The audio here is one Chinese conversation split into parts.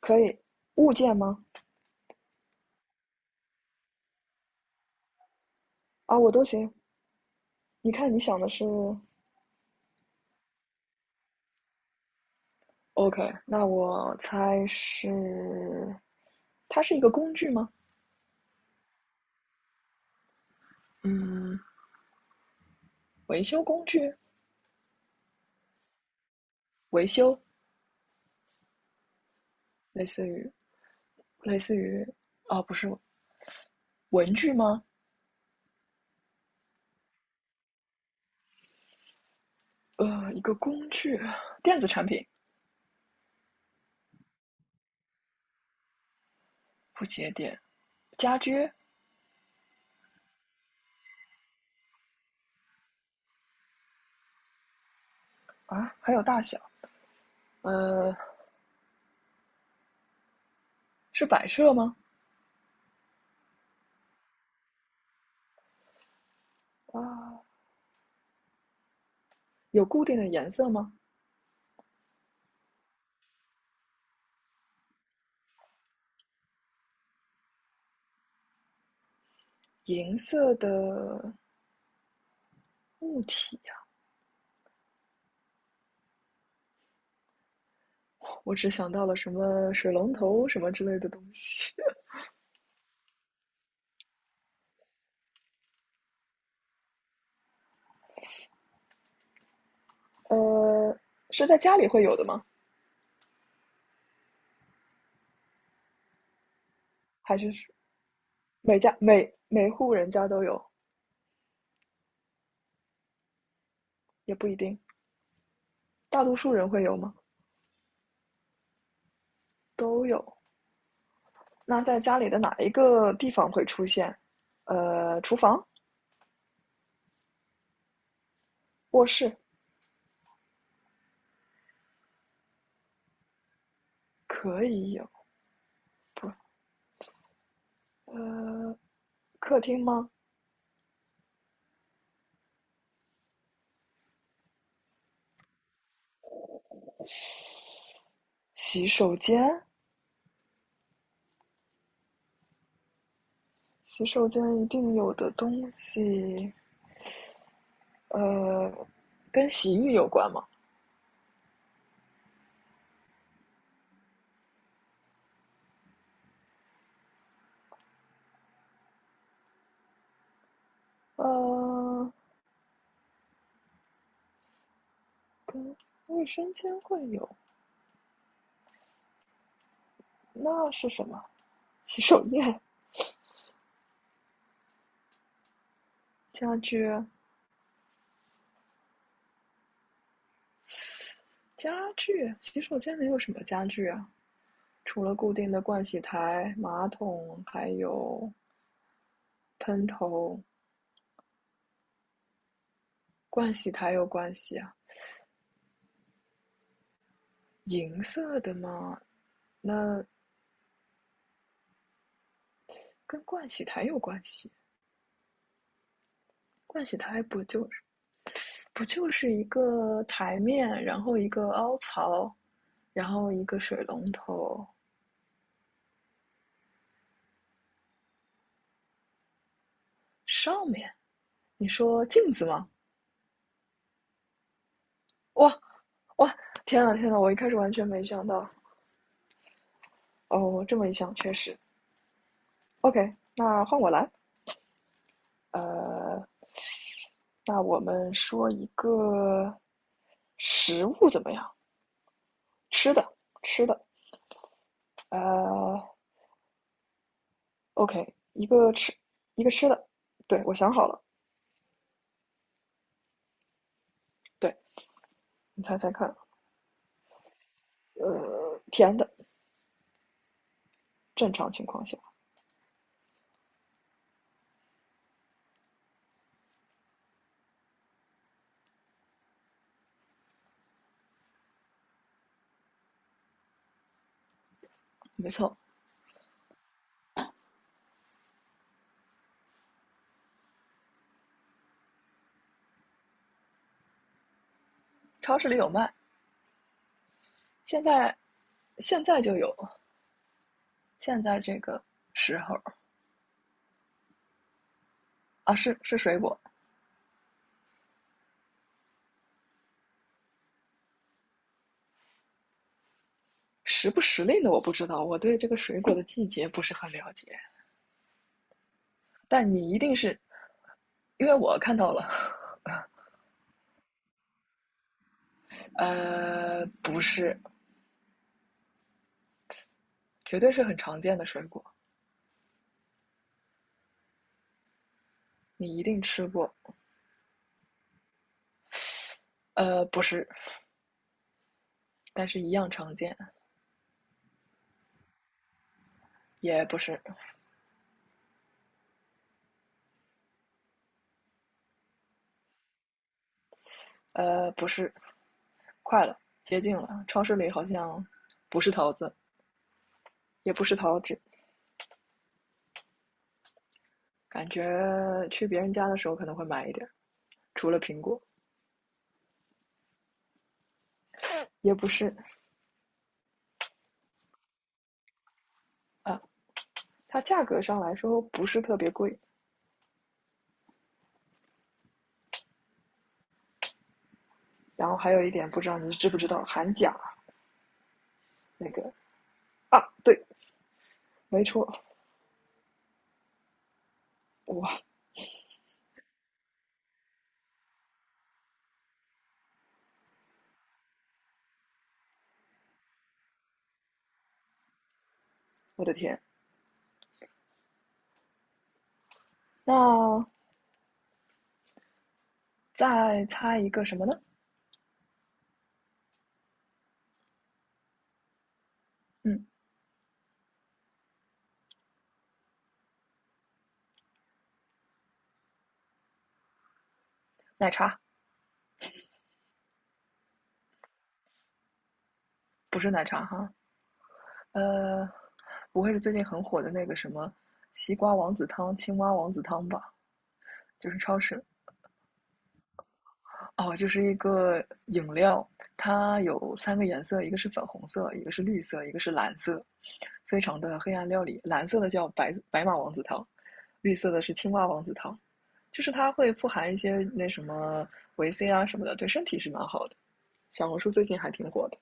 可以，物件吗？啊，我都行。你看你想的是，OK，那我猜是，它是一个工具吗？嗯，维修工具，维修，类似于，类似于，不是文具吗？一个工具，电子产品，不接电，家居。啊，还有大小，呃，是摆设吗？啊，有固定的颜色吗？银色的物体，我只想到了什么水龙头什么之类的东西。呃，是在家里会有的吗？还是每家每户人家都有？也不一定，大多数人会有吗？都有。那在家里的哪一个地方会出现？厨房、卧室可以有，不，呃，客厅吗？洗手间，洗手间一定有的东西，呃，跟洗浴有关吗？呃，跟卫生间会有，那是什么？洗手液、家具、家具，洗手间能有什么家具啊？除了固定的盥洗台、马桶，还有喷头。盥洗台有关系啊，银色的吗？那跟盥洗台有关系。盥洗台不就是一个台面，然后一个凹槽，然后一个水龙头上面。你说镜子吗？哇，哇，天呐天呐，我一开始完全没想到。哦，这么一想，确实。OK，那换我来。呃，那我们说一个食物怎么样？吃的，吃的。呃，OK，一个吃，一个吃的。对，我想好了。对，你猜猜看。甜的，正常情况下，没错，超市里有卖。现在，现在就有，现在这个时候啊，是是水果，时不时令的我不知道，我对这个水果的季节不是很了解。但你一定是，因为我看到了，不是，绝对是很常见的水果，你一定吃过。不是，但是一样常见，也不是，不是，快了，接近了。超市里好像不是桃子，也不是桃子，感觉去别人家的时候可能会买一点除了苹果，也不是啊。它价格上来说不是特别贵，然后还有一点不知道你知不知道韩甲那个啊，对，没错，哇，我的天！那再猜一个什么呢？嗯，奶茶不是奶茶哈，呃，不会是最近很火的那个什么西瓜王子汤、青蛙王子汤吧？就是超市哦，就是一个饮料，它有三个颜色，一个是粉红色，一个是绿色，一个是蓝色，非常的黑暗料理。蓝色的叫白白马王子汤，绿色的是青蛙王子汤，就是它会富含一些那什么维 C 啊什么的，对身体是蛮好的。小红书最近还挺火的。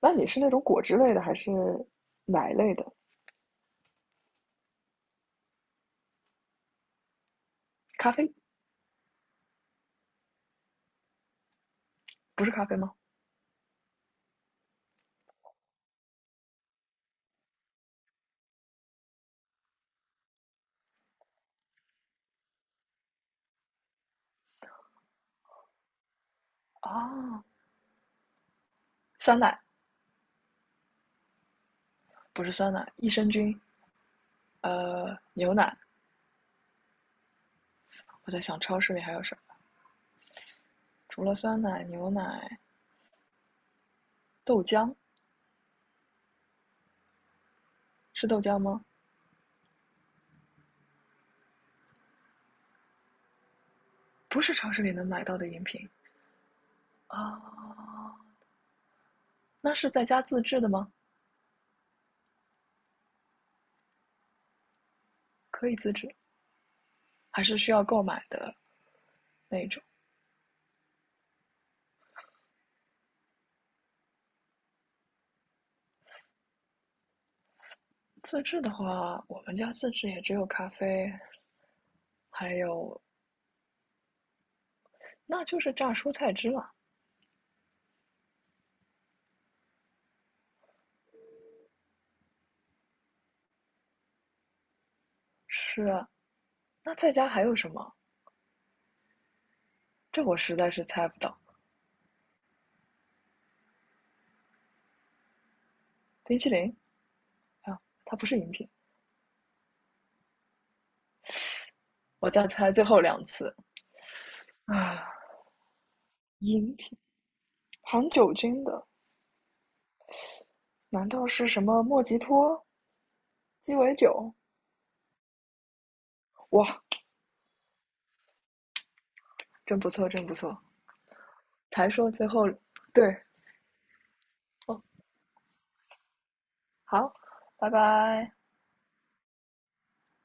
那你是那种果汁类的还是奶类的？咖啡不是咖啡吗？哦，酸奶不是酸奶，益生菌，牛奶。我在想超市里还有什么。除了酸奶、牛奶、豆浆，是豆浆吗？不是超市里能买到的饮品啊。那是在家自制的吗？可以自制，还是需要购买的那种？自制的话，我们家自制也只有咖啡，还有那就是榨蔬菜汁了。是啊，那在家还有什么？这我实在是猜不到。冰淇淋啊，它不是饮品。我再猜最后两次啊，饮品含酒精的，难道是什么莫吉托？鸡尾酒，哇，真不错，真不错。才说最后，对，哦，好，拜拜。